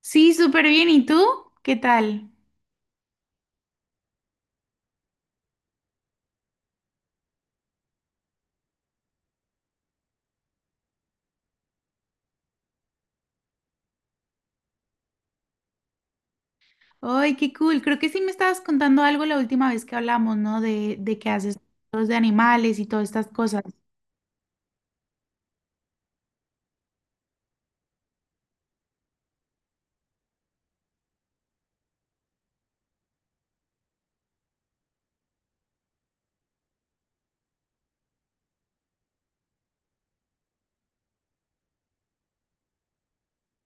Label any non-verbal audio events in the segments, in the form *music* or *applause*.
Sí, súper bien. ¿Y tú? ¿Qué tal? Ay, qué cool. Creo que sí me estabas contando algo la última vez que hablamos, ¿no? De que haces fotos de animales y todas estas cosas.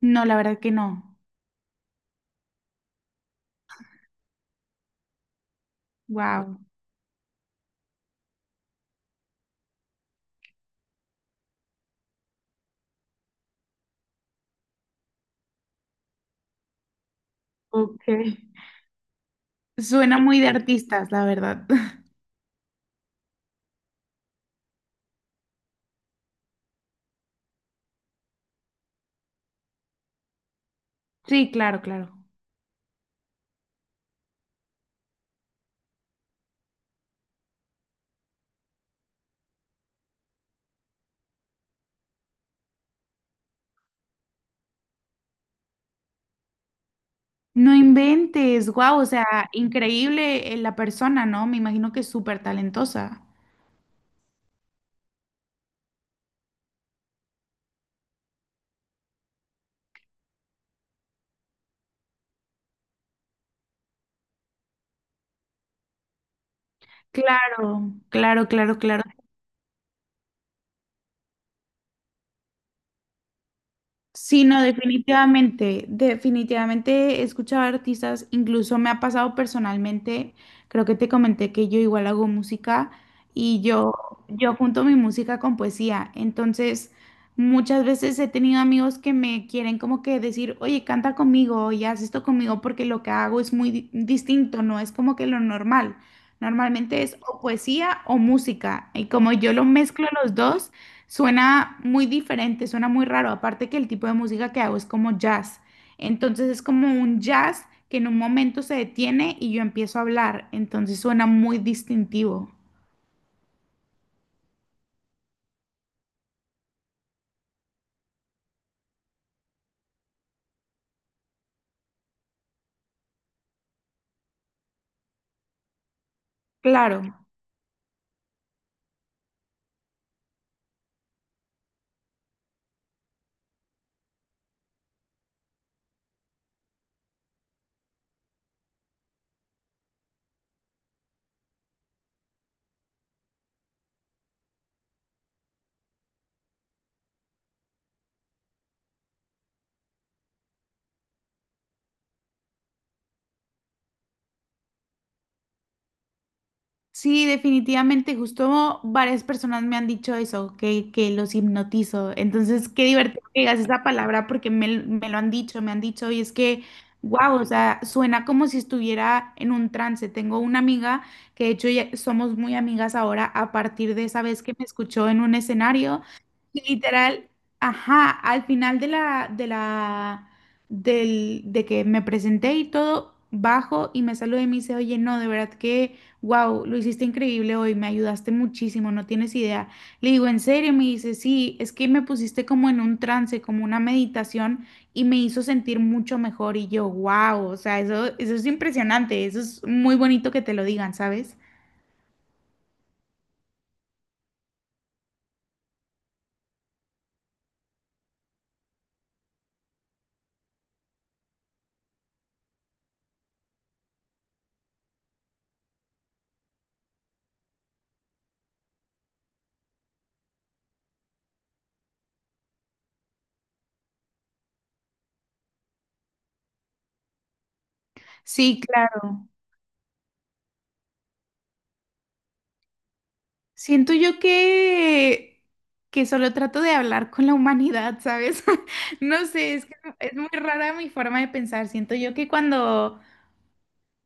No, la verdad que no. Wow. Ok. Suena muy de artistas, la verdad. *laughs* Sí, claro, claro. No inventes. Wow, o sea, increíble la persona, ¿no? Me imagino que es súper talentosa. Claro, claro, claro, claro. Sí, no, definitivamente, definitivamente escuchar artistas, incluso me ha pasado personalmente, creo que te comenté que yo igual hago música y yo junto mi música con poesía, entonces muchas veces he tenido amigos que me quieren como que decir, oye, canta conmigo y haz esto conmigo porque lo que hago es muy distinto, no es como que lo normal, normalmente es o poesía o música y como yo lo mezclo los dos. Suena muy diferente, suena muy raro, aparte que el tipo de música que hago es como jazz. Entonces es como un jazz que en un momento se detiene y yo empiezo a hablar, entonces suena muy distintivo. Claro. Sí, definitivamente, justo varias personas me han dicho eso, que los hipnotizo. Entonces, qué divertido que digas esa palabra porque me lo han dicho, me han dicho, y es que, wow, o sea, suena como si estuviera en un trance. Tengo una amiga que de hecho ya somos muy amigas ahora a partir de esa vez que me escuchó en un escenario. Y literal, ajá, al final de que me presenté y todo, bajo y me saludé y me dice, oye, no, de verdad que wow, lo hiciste increíble hoy, me ayudaste muchísimo, no tienes idea. Le digo, ¿en serio? Me dice, sí, es que me pusiste como en un trance, como una meditación y me hizo sentir mucho mejor. Y yo, wow, o sea, eso es impresionante, eso es muy bonito que te lo digan, ¿sabes? Sí, claro. Siento yo que solo trato de hablar con la humanidad, ¿sabes? *laughs* No sé, es que es muy rara mi forma de pensar. Siento yo que cuando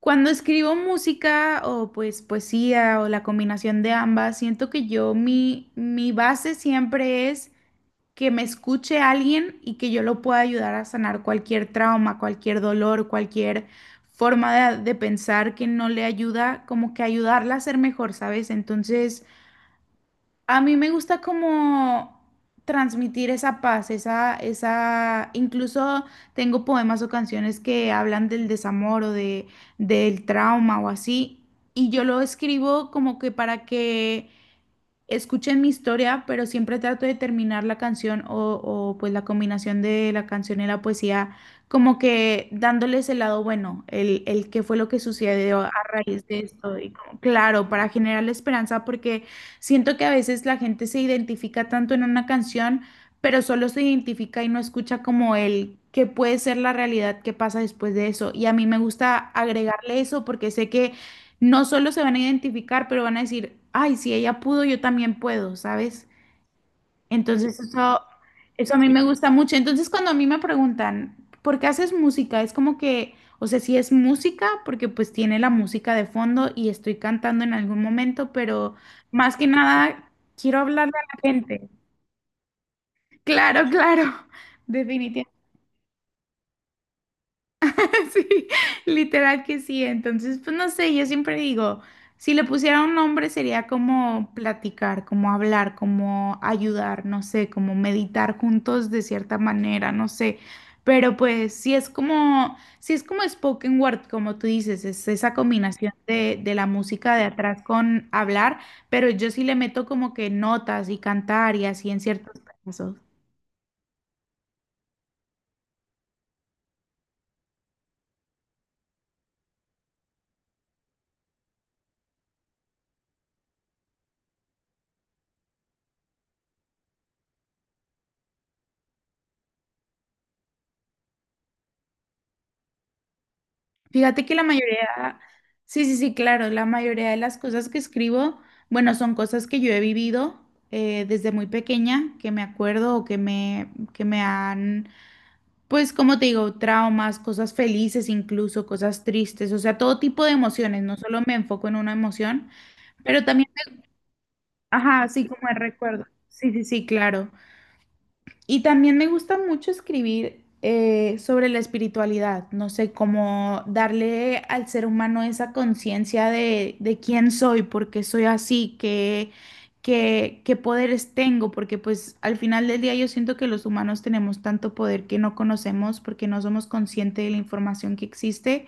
Cuando escribo música o pues poesía o la combinación de ambas, siento que yo mi base siempre es que me escuche alguien y que yo lo pueda ayudar a sanar cualquier trauma, cualquier dolor, cualquier forma de pensar que no le ayuda, como que ayudarla a ser mejor, ¿sabes? Entonces... A mí me gusta como transmitir esa paz, incluso tengo poemas o canciones que hablan del desamor del trauma o así, y yo lo escribo como que para que escuchen mi historia, pero siempre trato de terminar la canción pues la combinación de la canción y la poesía, como que dándoles el lado bueno, el qué fue lo que sucedió a raíz de esto. Y como claro, para generar la esperanza, porque siento que a veces la gente se identifica tanto en una canción, pero solo se identifica y no escucha como el qué puede ser la realidad que pasa después de eso. Y a mí me gusta agregarle eso porque sé que no solo se van a identificar, pero van a decir, ay, si ella pudo, yo también puedo, ¿sabes? Entonces eso a mí me gusta mucho. Entonces cuando a mí me preguntan, ¿por qué haces música? Es como que, o sea, sí es música, porque pues tiene la música de fondo y estoy cantando en algún momento, pero más que nada quiero hablarle a la gente. Claro, claro, *laughs* definitivamente. *laughs* Sí, literal que sí. Entonces, pues no sé, yo siempre digo, si le pusiera un nombre sería como platicar, como hablar, como ayudar, no sé, como meditar juntos de cierta manera, no sé. Pero pues si es como, si es como spoken word, como tú dices, es esa combinación de la música de atrás con hablar, pero yo sí le meto como que notas y cantar y así en ciertos casos. Fíjate que la mayoría, sí, sí, sí, claro, la mayoría de las cosas que escribo, bueno, son cosas que yo he vivido desde muy pequeña, que me acuerdo o que me han, pues, como te digo, traumas, cosas felices incluso, cosas tristes, o sea, todo tipo de emociones, no solo me enfoco en una emoción, pero también, ajá, sí, como el recuerdo. Sí, sí, sí, claro. Y también me gusta mucho escribir sobre la espiritualidad, no sé, cómo darle al ser humano esa conciencia de quién soy, por qué soy así, qué poderes tengo, porque pues al final del día yo siento que los humanos tenemos tanto poder que no conocemos porque no somos conscientes de la información que existe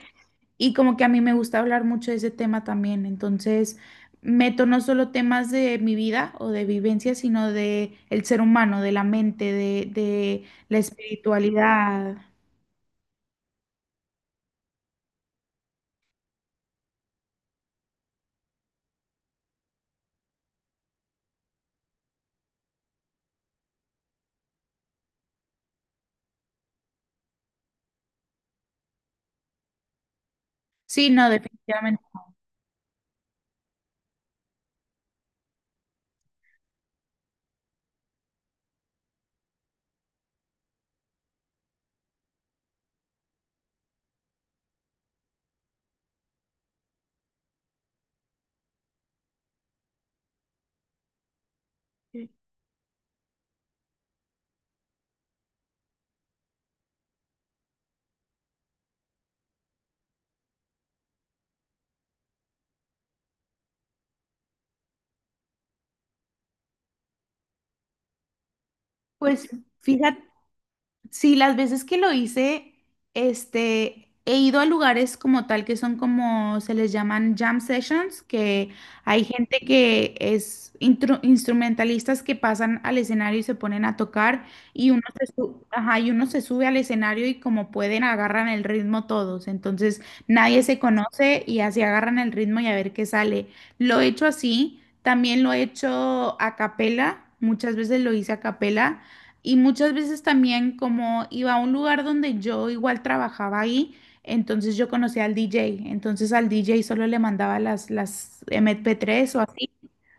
y como que a mí me gusta hablar mucho de ese tema también. Entonces, meto no solo temas de mi vida o de vivencia, sino de el ser humano, de la mente, de la espiritualidad. Sí, no, definitivamente. Pues fíjate, sí, las veces que lo hice, este, he ido a lugares como tal que son como se les llaman jam sessions, que hay gente que es instrumentalistas que pasan al escenario y se ponen a tocar y ajá, y uno se sube al escenario y como pueden agarran el ritmo todos, entonces nadie se conoce y así agarran el ritmo y a ver qué sale. Lo he hecho así, también lo he hecho a capela, muchas veces lo hice a capela. Y muchas veces también como iba a un lugar donde yo igual trabajaba ahí, entonces yo conocía al DJ, entonces al DJ solo le mandaba las MP3 o así,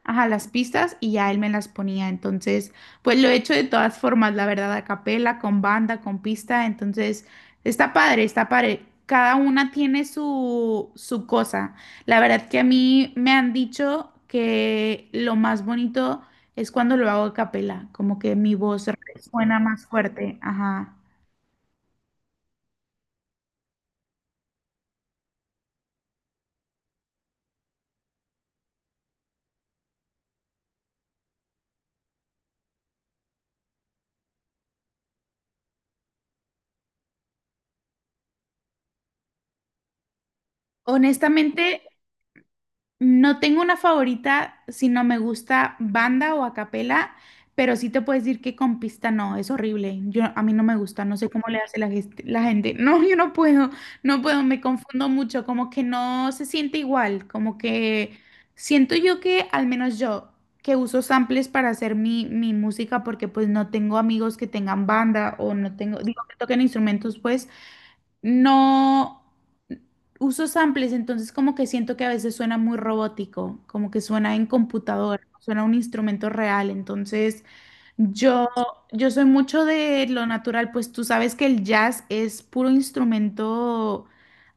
ajá, las pistas y ya él me las ponía. Entonces, pues lo he hecho de todas formas, la verdad, a capela, con banda, con pista. Entonces, está padre, está padre. Cada una tiene su cosa. La verdad que a mí me han dicho que lo más bonito es cuando lo hago a capela, como que mi voz resuena más fuerte. Ajá. Honestamente, no tengo una favorita si no me gusta banda o a capela, pero sí te puedo decir que con pista no, es horrible. Yo, a mí no me gusta, no sé cómo le hace la gente. *laughs* No, yo no puedo, no puedo, me confundo mucho, como que no se siente igual, como que siento yo que, al menos yo, que uso samples para hacer mi música porque pues no tengo amigos que tengan banda o no tengo, digo, que toquen instrumentos, pues. No uso samples, entonces como que siento que a veces suena muy robótico, como que suena en computadora, suena un instrumento real, entonces yo, yo soy mucho de lo natural, pues tú sabes que el jazz es puro instrumento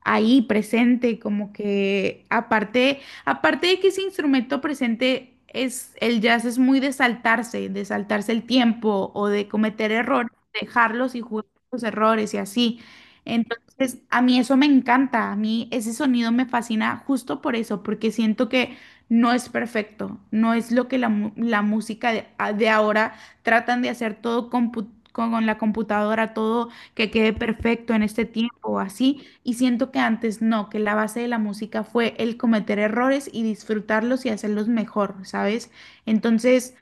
ahí presente, como que aparte, aparte de que ese instrumento presente es, el jazz es muy de saltarse el tiempo o de cometer errores, dejarlos y jugar con los errores y así. Entonces, a mí eso me encanta, a mí ese sonido me fascina justo por eso, porque siento que no es perfecto, no es lo que la música de ahora tratan de hacer todo con la computadora, todo que quede perfecto en este tiempo, así. Y siento que antes no, que la base de la música fue el cometer errores y disfrutarlos y hacerlos mejor, ¿sabes? Entonces,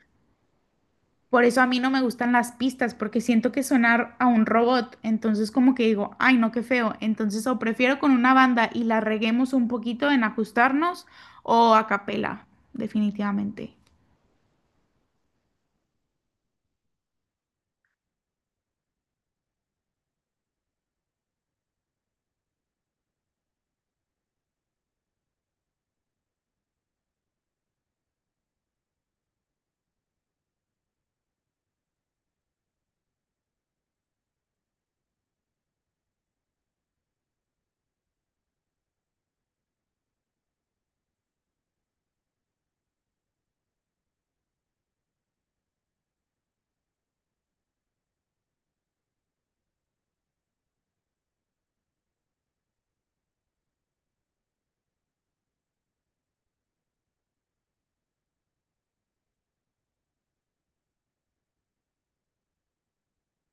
por eso a mí no me gustan las pistas, porque siento que sonar a un robot, entonces como que digo, ay, no, qué feo. Entonces, o prefiero con una banda y la reguemos un poquito en ajustarnos o a capela, definitivamente.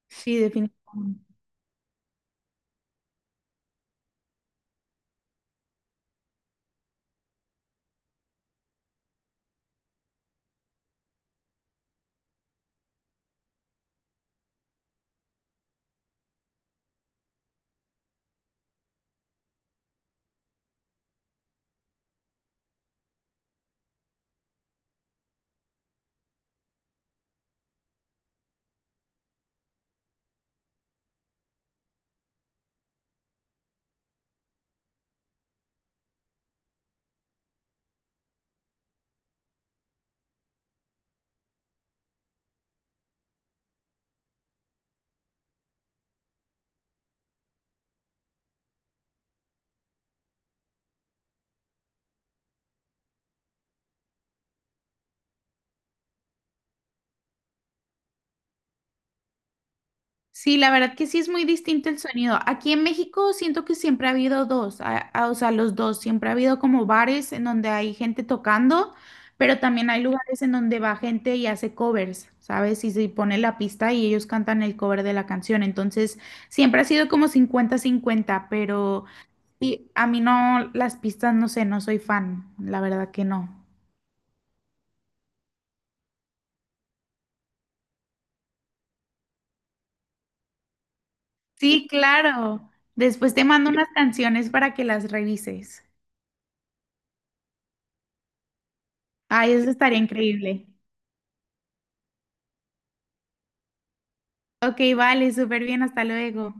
Sí, definitivamente. Sí, la verdad que sí es muy distinto el sonido. Aquí en México siento que siempre ha habido dos, o sea, los dos, siempre ha habido como bares en donde hay gente tocando, pero también hay lugares en donde va gente y hace covers, ¿sabes? Y se pone la pista y ellos cantan el cover de la canción. Entonces, siempre ha sido como cincuenta-cincuenta, pero sí, a mí no, las pistas, no sé, no soy fan, la verdad que no. Sí, claro. Después te mando unas canciones para que las revises. Ay, eso estaría increíble. Ok, vale, súper bien, hasta luego.